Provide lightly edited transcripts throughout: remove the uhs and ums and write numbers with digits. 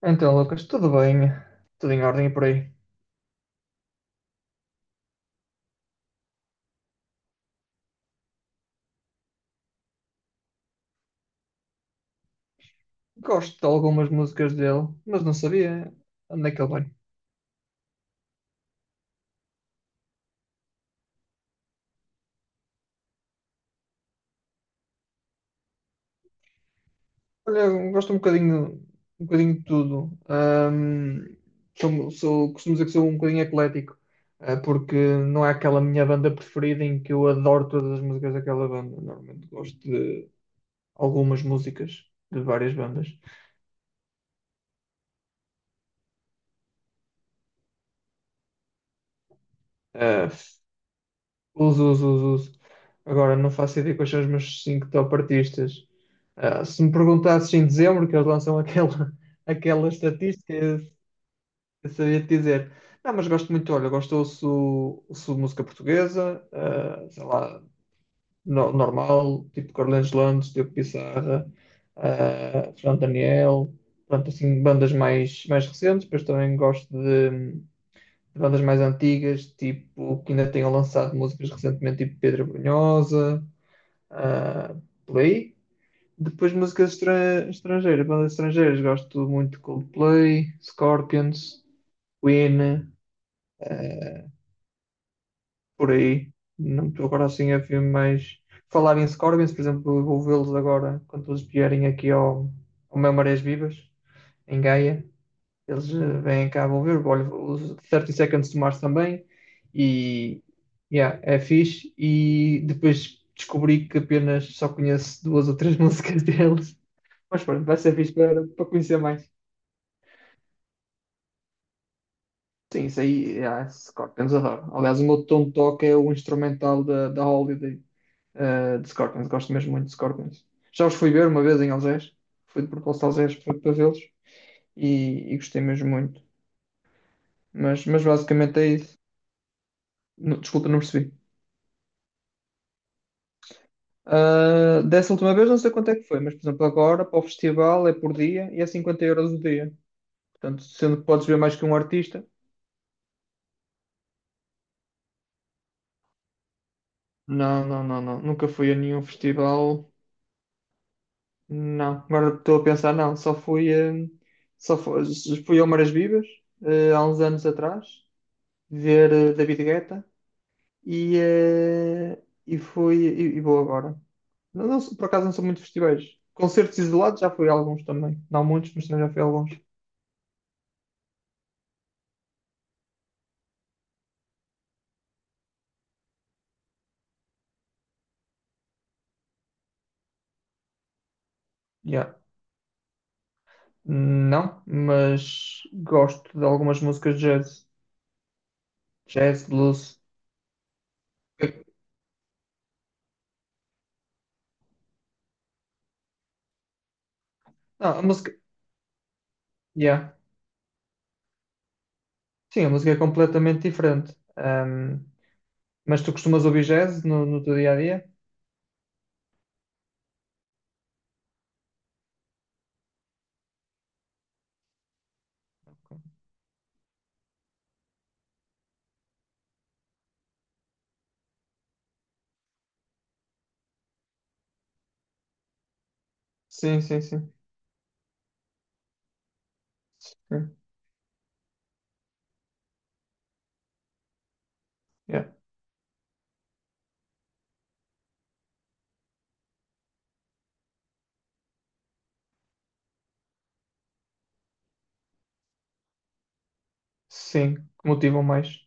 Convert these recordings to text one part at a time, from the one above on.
Então, Lucas, tudo bem? Tudo em ordem e por aí. Gosto de algumas músicas dele, mas não sabia onde é que ele vai. Olha, eu gosto um bocadinho de tudo. Costumo dizer que sou um bocadinho eclético, porque não é aquela minha banda preferida em que eu adoro todas as músicas daquela banda. Normalmente gosto de algumas músicas de várias bandas. Eh, Uso, uso, uso, uso. Agora não faço ideia quais são os meus cinco top artistas. Ah, se me perguntasses em dezembro, que eles lançam aquela, aquela estatística, eu sabia te dizer. Não, mas gosto muito, olha, ouço música portuguesa, ah, sei lá, normal, tipo Carlinhos Landes, Diogo Pissarra, ah, Fran Daniel, pronto, assim, bandas mais recentes, depois também gosto de bandas mais antigas, tipo, que ainda tenham lançado músicas recentemente, tipo Pedra Brunhosa, ah, por aí. Depois músicas estrangeiras, bandas estrangeiras, gosto muito de Coldplay, Scorpions, Queen, ah, por aí. Não estou agora assim a ver mais. Falar em Scorpions, por exemplo, eu vou vê-los agora quando eles vierem aqui ao meu Marés Vivas, em Gaia. Eles vêm cá, vão ver. Olha, os thirty Seconds to Mars também. E yeah, é fixe. E depois descobri que apenas só conheço duas ou três músicas deles. Mas pronto, vai ser fixe para conhecer mais. Sim, isso aí, yeah, é Scorpions adoro. Aliás, o meu tom de toque é o instrumental da Holiday, de Scorpions. Gosto mesmo muito de Scorpions. Já os fui ver uma vez em Algés. Fui de propósito a Algés para vê-los e gostei mesmo muito. Mas basicamente é isso. Desculpa, não percebi. Ah, dessa última vez não sei quanto é que foi, mas por exemplo agora para o festival é por dia e é 50 € o dia. Portanto, sendo que podes ver mais que um artista. Não, não, não, não. Nunca fui a nenhum festival. Não. Agora estou a pensar, não. Só fui ao Maras Vivas, há uns anos atrás, ver David Guetta e fui e vou agora. Não, por acaso não sou muito de festivais. Concertos isolados já fui a alguns também. Não muitos, mas também já fui a alguns. Yeah. Não, mas gosto de algumas músicas de jazz. Jazz, blues. Não, a música. Yeah. Sim, a música é completamente diferente. Mas tu costumas ouvir jazz no teu dia a dia? Sim, sim, sim. Sim, yeah. Sim, que motivam mais.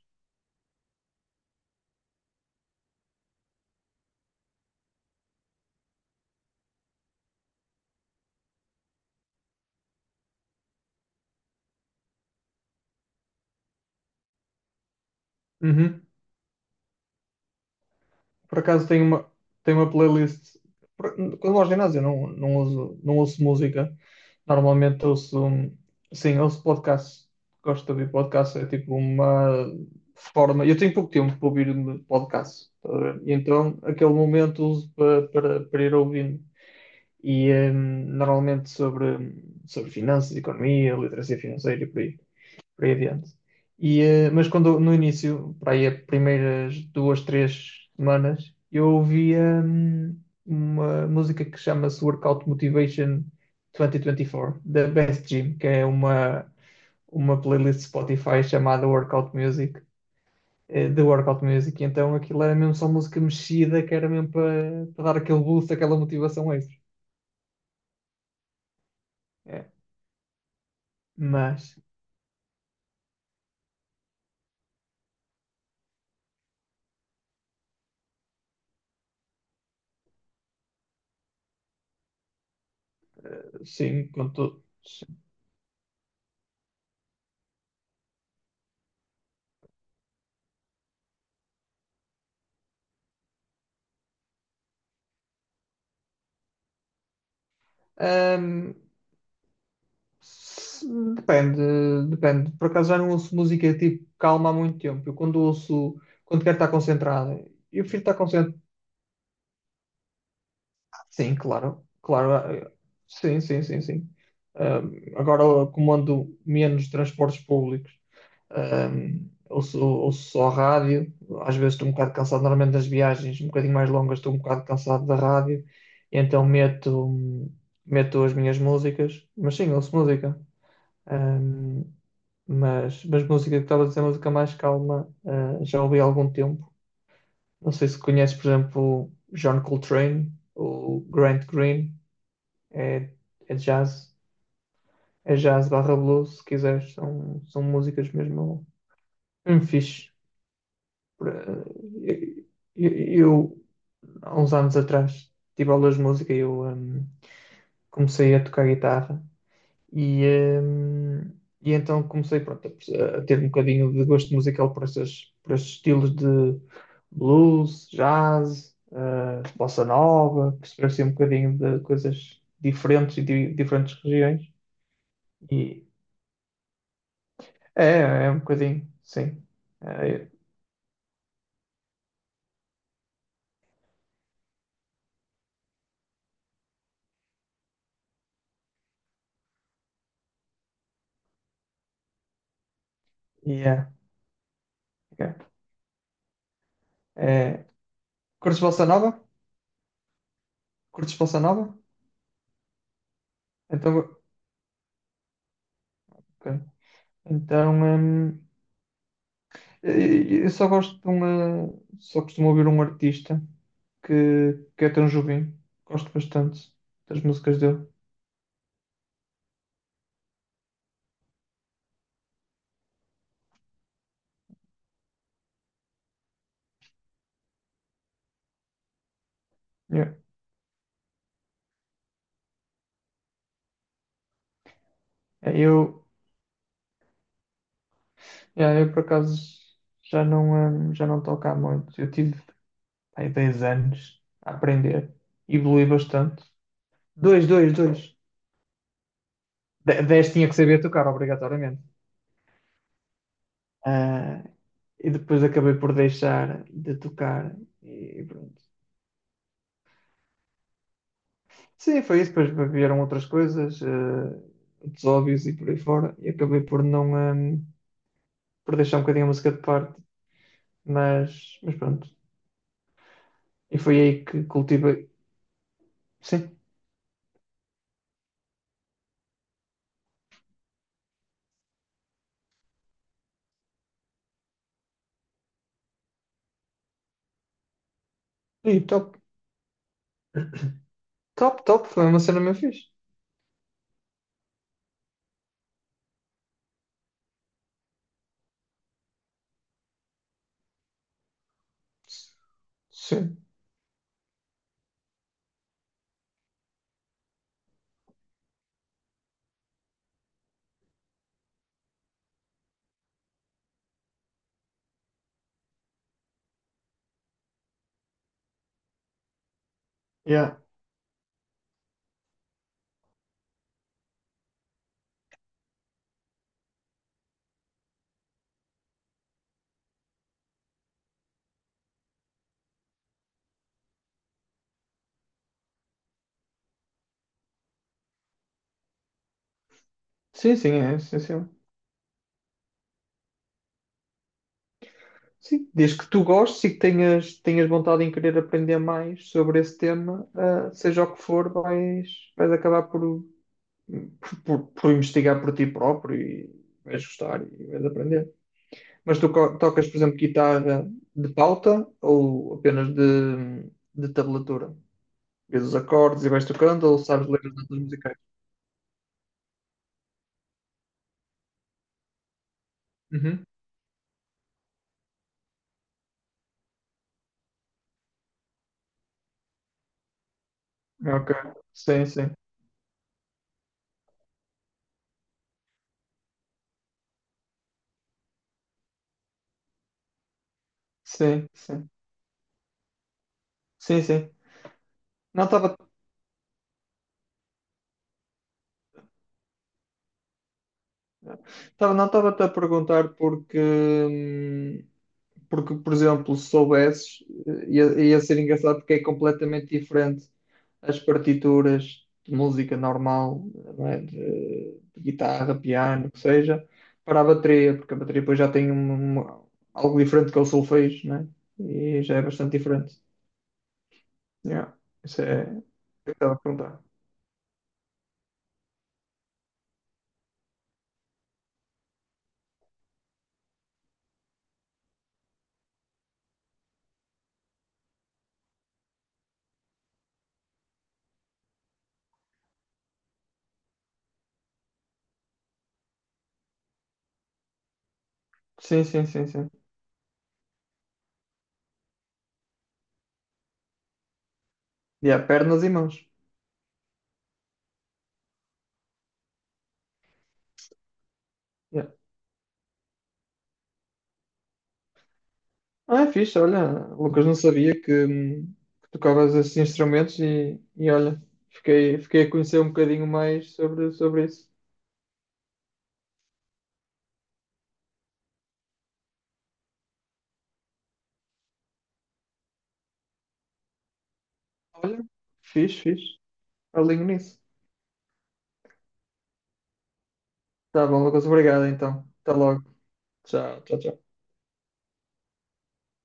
Uhum. Por acaso tenho uma playlist. Quando vou ao ginásio, eu não uso, não ouço música. Normalmente ouço, sim, ouço podcasts. Gosto de ouvir podcasts. É tipo uma forma. Eu tenho pouco tempo para ouvir podcasts. Tá a ver? E então, aquele momento uso para ir ouvindo. E normalmente sobre finanças, economia, literacia financeira e por aí adiante. E, mas quando no início, para aí as primeiras duas, três semanas, eu ouvia uma música que chama-se Workout Motivation 2024, da Best Gym, que é uma playlist Spotify chamada Workout Music, de Workout Music. E então aquilo era mesmo só música mexida, que era mesmo para dar aquele boost, aquela motivação extra. É. Mas, sim, contudo. Se- depende. Por acaso já não ouço música tipo calma há muito tempo. Eu quando quero estar concentrado, eu prefiro estar concentrado. Sim, claro, claro. Sim, sim, sim, sim. Agora como ando menos transportes públicos, ouço só rádio. Às vezes estou um bocado cansado, normalmente nas viagens um bocadinho mais longas, estou um bocado cansado da rádio, e então meto as minhas músicas, mas sim, ouço música. Ahm, mas música que estava a dizer, música mais calma, ah, já ouvi há algum tempo. Não sei se conheces, por exemplo, John Coltrane ou Grant Green, é, é jazz, é jazz barra blues, se quiseres, são músicas mesmo, mesmo fixe. Por- eh, eu, há uns anos atrás, tive aulas de música e eu comecei a tocar guitarra E, hum, e então comecei, pronto, a ter um bocadinho de gosto musical por esses estilos de blues, jazz, bossa nova, perceber assim um bocadinho de coisas diferentes e de diferentes regiões. E é um bocadinho, sim. É, e é. É, curtes bossa nova? Curtes bossa nova? Então, ok. Então, Eu só gosto de uma. Só costumo ouvir um artista que é Tom Jobim. Gosto bastante das músicas dele. Yeah. Eu, yeah, eu por acaso já não toco há muito. Eu tive aí 10 anos a aprender. Evolui bastante. Dois, dois, dois. 10 tinha que saber tocar, obrigatoriamente. Ah, e depois acabei por deixar de tocar. E pronto. Sim, foi isso. Depois vieram outras coisas, outros óbvios e por aí fora. E acabei por não, eh, por deixar um bocadinho a música de parte. Mas pronto. E foi aí que cultivei. Sim. E top, top, top. Foi uma cena mesmo fixe. Sim. Yeah. Sim, sim, é essencial. Sim, desde que tu gostes e que tenhas vontade em querer aprender mais sobre esse tema, seja o que for, vais acabar por investigar por ti próprio e vais gostar e vais aprender. Mas tu tocas, por exemplo, guitarra de pauta ou apenas de tablatura? Vês os acordes e vais tocando ou sabes ler as notas musicais? Uhum. Ok. Sim, sim. Sim, sim. Sim, sim. Não, estava Não, estava-te a perguntar porque, por exemplo, se soubesses, ia ser engraçado porque é completamente diferente as partituras de música normal, não é? De guitarra, piano, o que seja, para a bateria, porque a bateria depois já tem algo diferente que é o solfejo, não é? E já é bastante diferente. Yeah. Isso é o que estava a perguntar. Sim, sim, sim, sim. Yeah, pernas e mãos. Yeah. Ah, é fixe, olha, Lucas, não sabia que tocavas esses instrumentos e olha, fiquei a conhecer um bocadinho mais sobre isso. Olha, fixe, fixe, alinho nisso. Tá bom, Lucas, obrigado então. Até logo. Tchau, tchau, tchau.